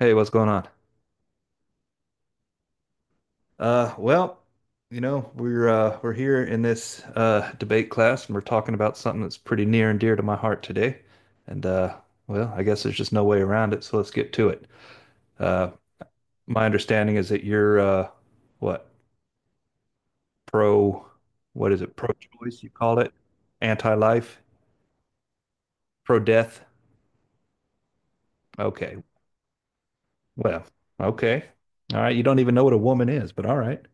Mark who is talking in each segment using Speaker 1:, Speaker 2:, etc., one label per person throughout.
Speaker 1: Hey, what's going on? Uh, well, you know, we're here in this debate class and we're talking about something that's pretty near and dear to my heart today. And Well, I guess there's just no way around it, so let's get to it. Uh my understanding is that you're what? Pro What is it? Pro-choice you call it? Anti-life? Pro-death? Okay. Well, okay. All right, you don't even know what a woman is, but all right.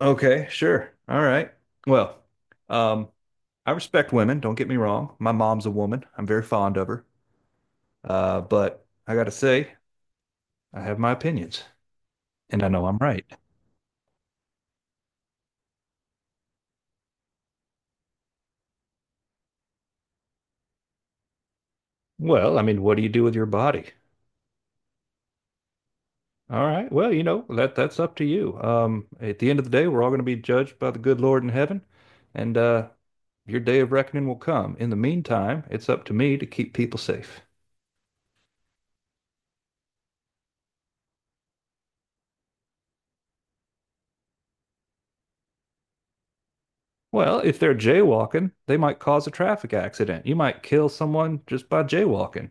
Speaker 1: Okay, sure. All right. Well, um, I respect women, don't get me wrong. My mom's a woman. I'm very fond of her. But I gotta say, I have my opinions, and I know I'm right. Well, I mean, what do you do with your body? All right. Well, you know, that's up to you. At the end of the day, we're all going to be judged by the good Lord in heaven, and your day of reckoning will come. In the meantime, it's up to me to keep people safe. Well, if they're jaywalking, they might cause a traffic accident. You might kill someone just by jaywalking.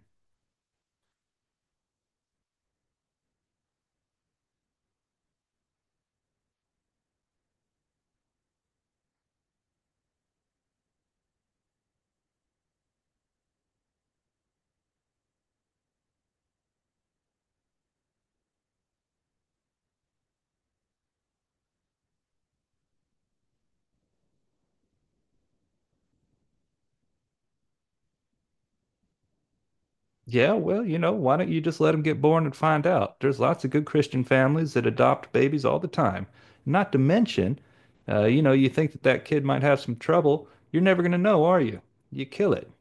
Speaker 1: Yeah, well, you know, why don't you just let them get born and find out? There's lots of good Christian families that adopt babies all the time. Not to mention, you know, you think that that kid might have some trouble. You're never going to know, are you? You kill it.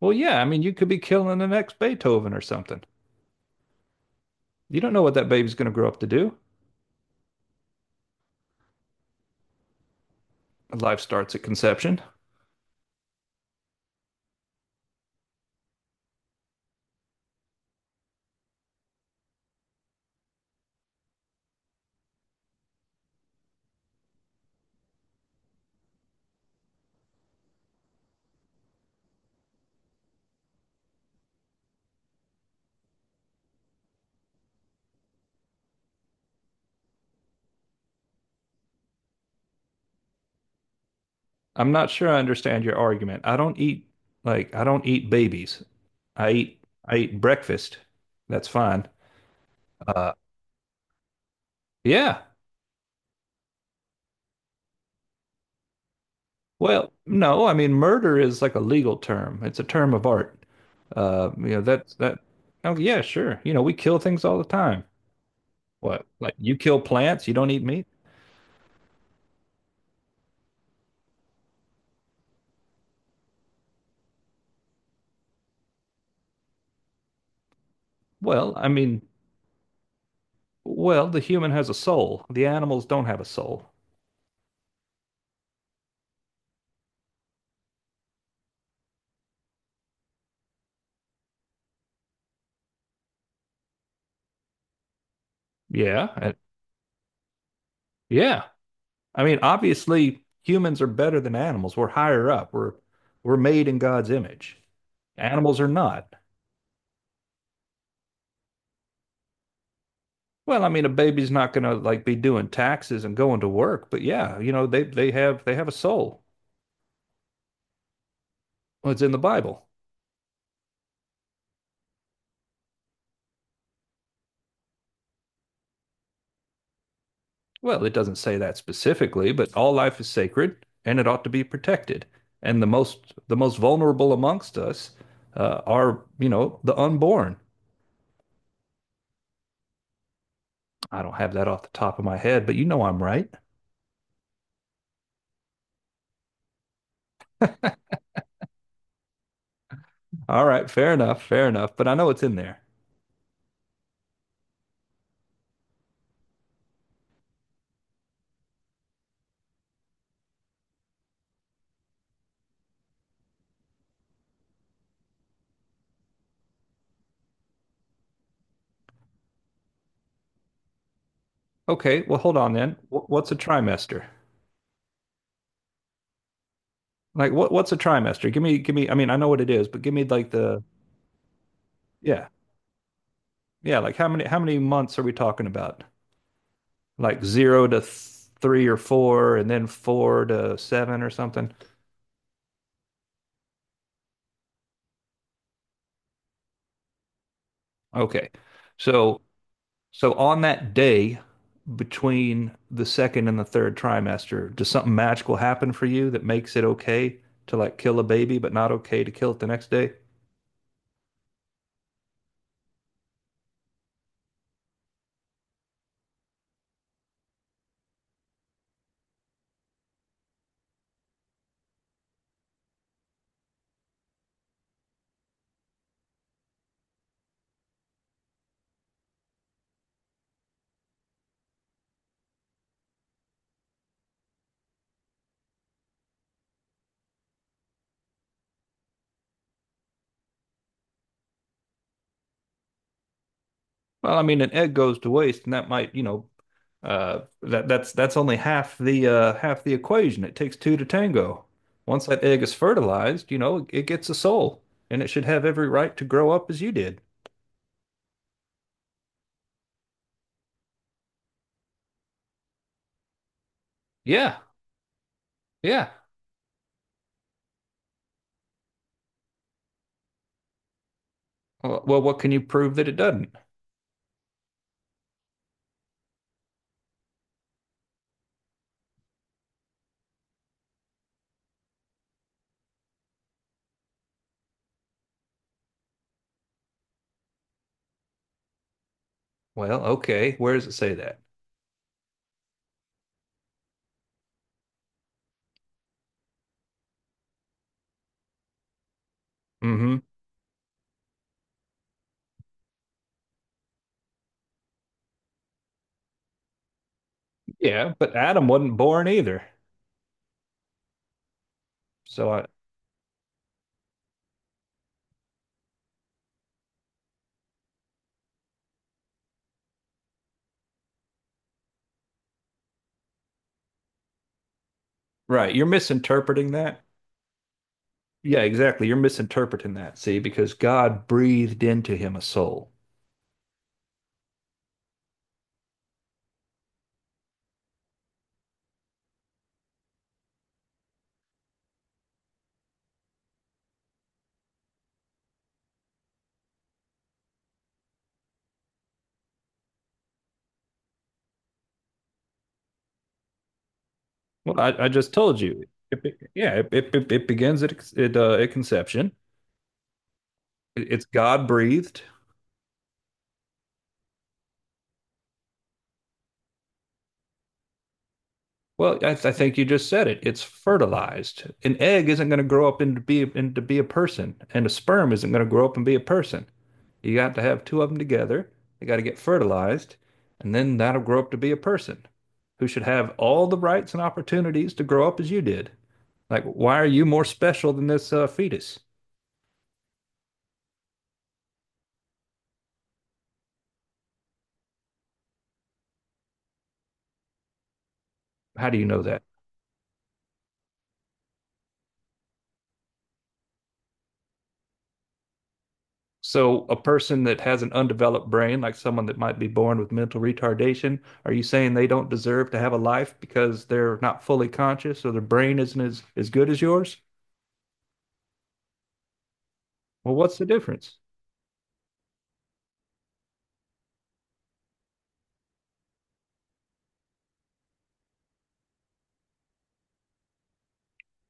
Speaker 1: Well, yeah, I mean, you could be killing the next Beethoven or something. You don't know what that baby's going to grow up to do. Life starts at conception. I'm not sure I understand your argument. I don't eat Like I don't eat babies. I eat breakfast. That's fine. Uh, yeah. Well, no, I mean murder is like a legal term. It's a term of art. You know that's that. Oh yeah, sure. You know we kill things all the time. What? Like you kill plants? You don't eat meat? Well, I mean, well, the human has a soul. The animals don't have a soul. Yeah. uh, yeah. I mean, obviously humans are better than animals. We're higher up. We're made in God's image. Animals are not. Well, I mean, a baby's not gonna like be doing taxes and going to work, but yeah, you know, they have a soul. Well, it's in the Bible. Well, it doesn't say that specifically, but all life is sacred and it ought to be protected. And the most vulnerable amongst us are, you know, the unborn. I don't have that off the top of my head, but you know I'm right. All right, fair enough, fair enough. But I know it's in there. Okay, well, hold on then. What's a trimester? Like, what's a trimester? Give me. I mean, I know what it is, but give me like the yeah. Yeah, like how many months are we talking about? Like zero to th three or four, and then four to seven or something. Okay. So so on that day between the second and the third trimester, does something magical happen for you that makes it okay to like kill a baby, but not okay to kill it the next day? Well, I mean, an egg goes to waste, and that might, you know, that that's only half the half the equation. It takes two to tango. Once that egg is fertilized, you know, it gets a soul, and it should have every right to grow up as you did. Yeah, yeah. Well, what can you prove that it doesn't? Well, okay. Where does it say that? Mm-hmm. Yeah, but Adam wasn't born either. So I, right, you're misinterpreting that. Yeah, exactly. You're misinterpreting that. See, because God breathed into him a soul. Well, I just told you. It begins at at conception. It's God breathed. Well, I think you just said it. It's fertilized. An egg isn't going to grow up into be a person, and a sperm isn't going to grow up and be a person. You got to have two of them together. They got to get fertilized, and then that'll grow up to be a person who should have all the rights and opportunities to grow up as you did. Like, why are you more special than this fetus? How do you know that? So, a person that has an undeveloped brain, like someone that might be born with mental retardation, are you saying they don't deserve to have a life because they're not fully conscious or their brain isn't as good as yours? Well, what's the difference?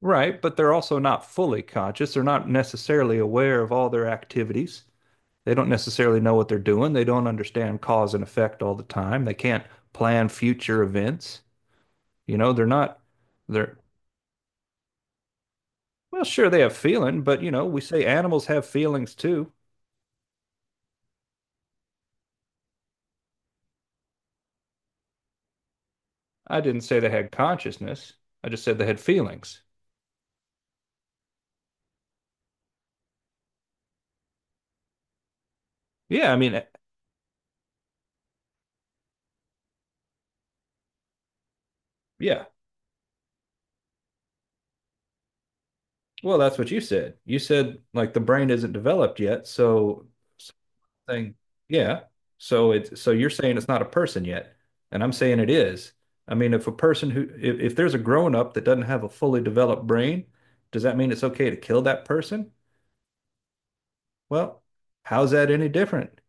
Speaker 1: Right, but they're also not fully conscious. They're not necessarily aware of all their activities. They don't necessarily know what they're doing. They don't understand cause and effect all the time. They can't plan future events. You know, they're not, they're, well, sure, they have feeling, but you know, we say animals have feelings too. I didn't say they had consciousness. I just said they had feelings. Yeah, I mean, yeah. Well, that's what you said. You said like the brain isn't developed yet, so something, yeah. So you're saying it's not a person yet, and I'm saying it is. I mean, if there's a grown up that doesn't have a fully developed brain, does that mean it's okay to kill that person? Well, how's that any different?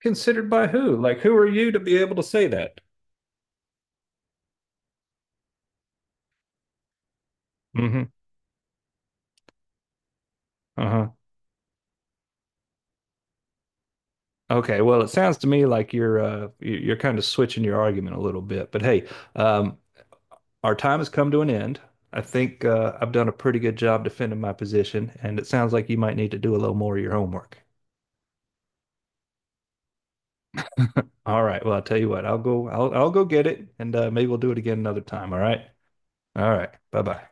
Speaker 1: Considered by who? Like, who are you to be able to say that? Mm-hmm. Uh huh. Okay, well, it sounds to me like you're kind of switching your argument a little bit. But hey, um, our time has come to an end. I think I've done a pretty good job defending my position, and it sounds like you might need to do a little more of your homework. All right, well, I'll tell you what, I'll go get it, and maybe we'll do it again another time. All right, bye bye.